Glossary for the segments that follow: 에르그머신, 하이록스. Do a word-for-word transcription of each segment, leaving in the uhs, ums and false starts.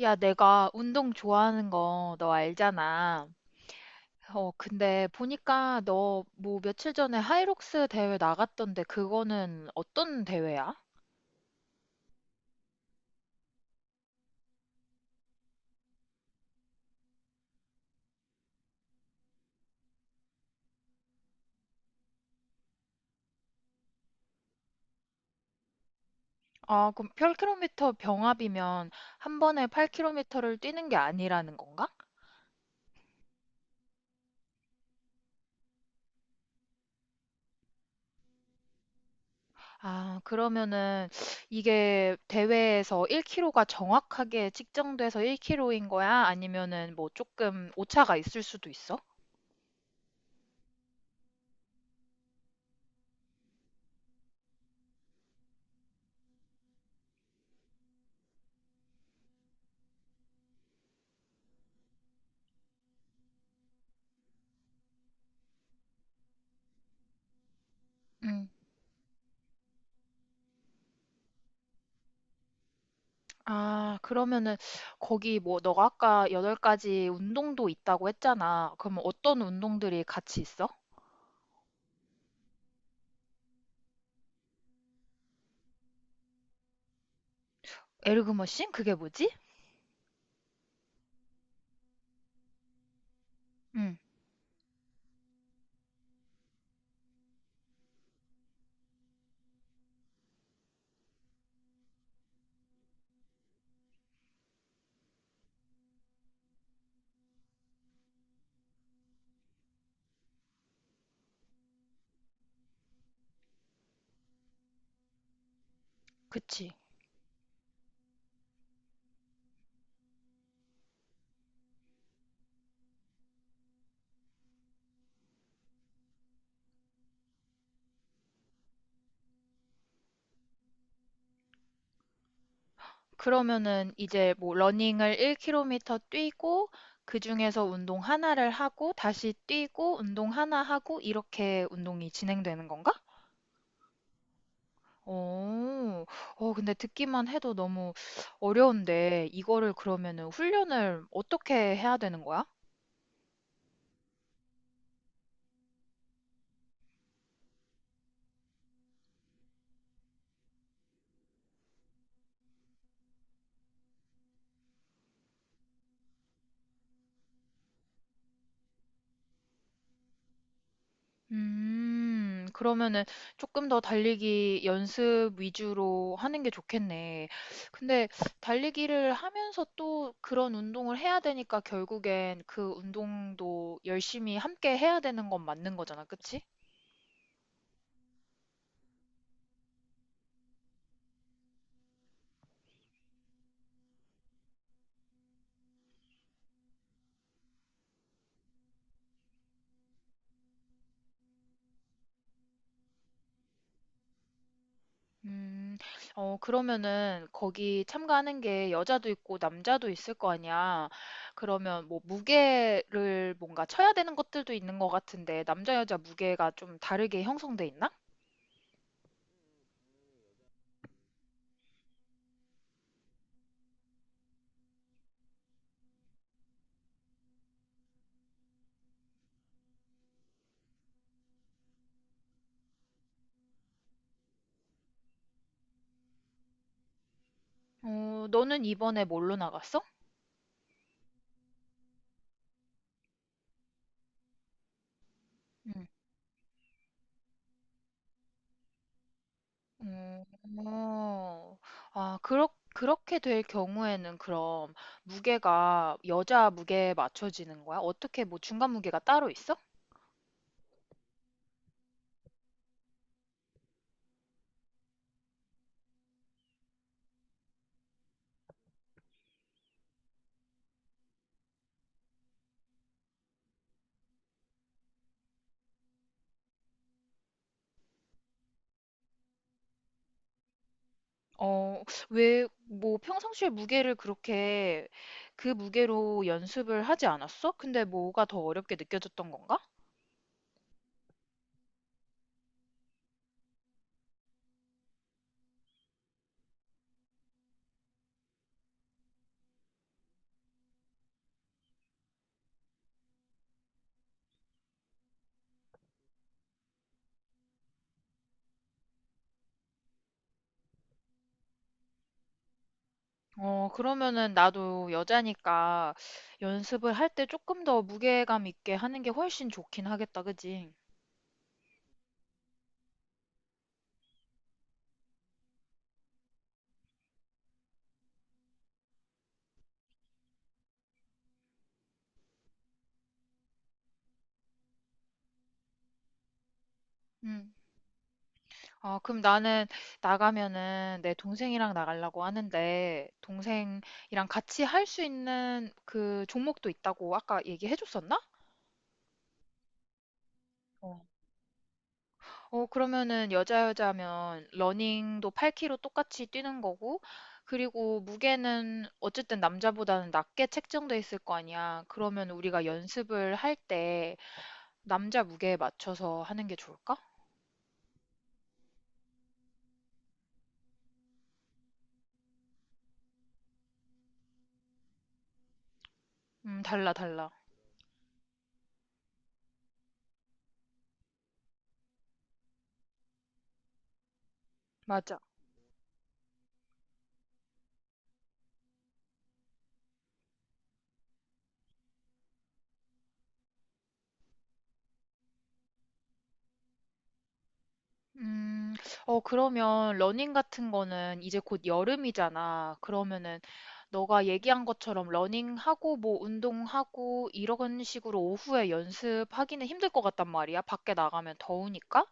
야, 내가 운동 좋아하는 거 너 알잖아. 어, 근데 보니까 너 뭐 며칠 전에 하이록스 대회 나갔던데 그거는 어떤 대회야? 아, 그럼 팔 킬로미터 병합이면 한 번에 팔 킬로미터를 뛰는 게 아니라는 건가? 아, 그러면은 이게 대회에서 일 킬로미터가 정확하게 측정돼서 일 킬로미터인 거야? 아니면은 뭐 조금 오차가 있을 수도 있어? 음. 아, 그러면은 거기 뭐 너가 아까 여덟 가지 운동도 있다고 했잖아. 그러면 어떤 운동들이 같이 있어? 에르그머신? 그게 뭐지? 응, 그치. 그러면은 이제 뭐 러닝을 일 킬로미터 뛰고 그중에서 운동 하나를 하고 다시 뛰고 운동 하나 하고 이렇게 운동이 진행되는 건가? 오, 어, 근데 듣기만 해도 너무 어려운데 이거를 그러면은 훈련을 어떻게 해야 되는 거야? 음, 그러면은 조금 더 달리기 연습 위주로 하는 게 좋겠네. 근데 달리기를 하면서 또 그런 운동을 해야 되니까 결국엔 그 운동도 열심히 함께 해야 되는 건 맞는 거잖아, 그치? 음, 어, 그러면은 거기 참가하는 게 여자도 있고 남자도 있을 거 아니야. 그러면 뭐 무게를 뭔가 쳐야 되는 것들도 있는 것 같은데 남자 여자 무게가 좀 다르게 형성돼 있나? 어, 너는 이번에 뭘로 나갔어? 응. 어, 어. 아, 그렇, 그렇게 될 경우에는 그럼 무게가 여자 무게에 맞춰지는 거야? 어떻게 뭐 중간 무게가 따로 있어? 어, 왜, 뭐 평상시에 무게를 그렇게 그 무게로 연습을 하지 않았어? 근데 뭐가 더 어렵게 느껴졌던 건가? 어, 그러면은 나도 여자니까 연습을 할 때 조금 더 무게감 있게 하는 게 훨씬 좋긴 하겠다, 그지? 음. 아, 그럼 나는 나가면은 내 동생이랑 나가려고 하는데, 동생이랑 같이 할 수 있는 그 종목도 있다고 아까 얘기해 줬었나? 어, 어, 그러면은 여자 여자면 러닝도 팔 킬로미터 똑같이 뛰는 거고, 그리고 무게는 어쨌든 남자보다는 낮게 책정돼 있을 거 아니야. 그러면 우리가 연습을 할 때 남자 무게에 맞춰서 하는 게 좋을까? 음, 달라, 달라. 맞아. 음, 어, 그러면 러닝 같은 거는 이제 곧 여름이잖아. 그러면은 너가 얘기한 것처럼 러닝하고 뭐 운동하고 이런 식으로 오후에 연습하기는 힘들 것 같단 말이야. 밖에 나가면 더우니까.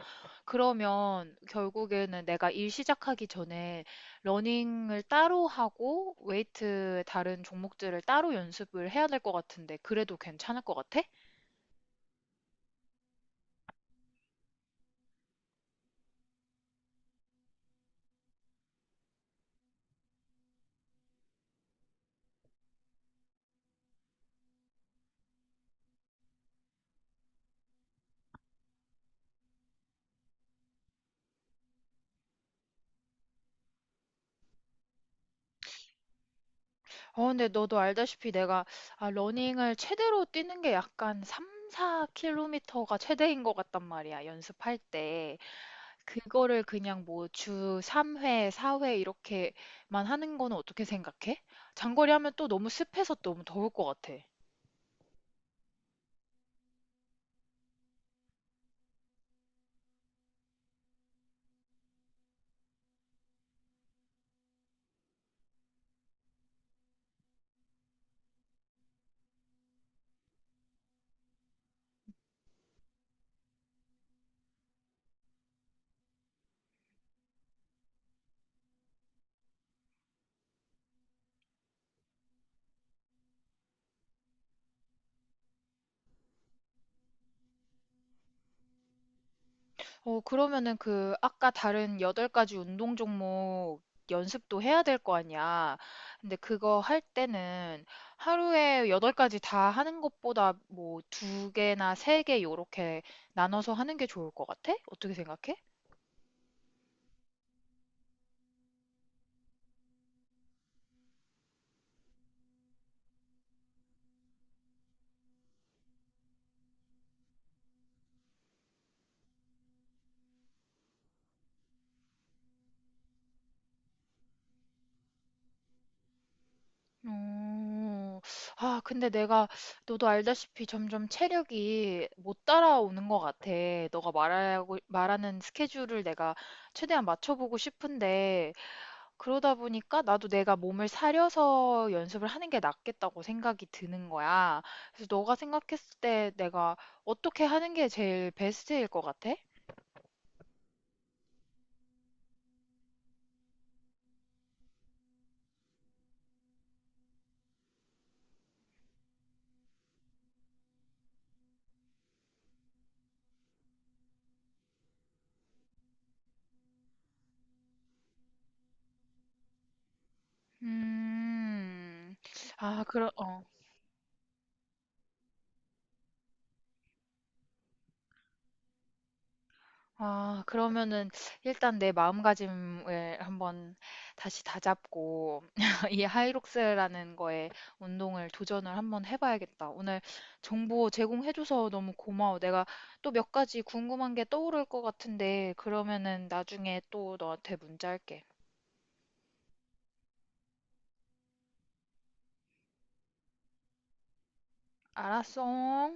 그러면 결국에는 내가 일 시작하기 전에 러닝을 따로 하고 웨이트 다른 종목들을 따로 연습을 해야 될 것 같은데 그래도 괜찮을 것 같아? 어, 근데 너도 알다시피 내가 아, 러닝을 최대로 뛰는 게 약간 삼, 사 킬로미터가 최대인 것 같단 말이야, 연습할 때. 그거를 그냥 뭐 주 삼 회, 사 회 이렇게만 하는 거는 어떻게 생각해? 장거리 하면 또 너무 습해서 너무 더울 것 같아. 어, 그러면은 그 아까 다른 여덟 가지 운동 종목 연습도 해야 될 거 아니야. 근데 그거 할 때는 하루에 여덟 가지 다 하는 것보다 뭐 두 개나 세 개 요렇게 나눠서 하는 게 좋을 것 같아? 어떻게 생각해? 음, 아, 근데 내가, 너도 알다시피 점점 체력이 못 따라오는 것 같아. 너가 말하고, 말하는 스케줄을 내가 최대한 맞춰보고 싶은데, 그러다 보니까 나도 내가 몸을 사려서 연습을 하는 게 낫겠다고 생각이 드는 거야. 그래서 너가 생각했을 때 내가 어떻게 하는 게 제일 베스트일 것 같아? 음, 아, 그럼, 아, 그러면은 일단 내 마음가짐을 한번 다시 다잡고 이 하이록스라는 거에 운동을 도전을 한번 해봐야겠다. 오늘 정보 제공해줘서 너무 고마워. 내가 또 몇 가지 궁금한 게 떠오를 것 같은데 그러면은 나중에 또 너한테 문자 할게. 알았어.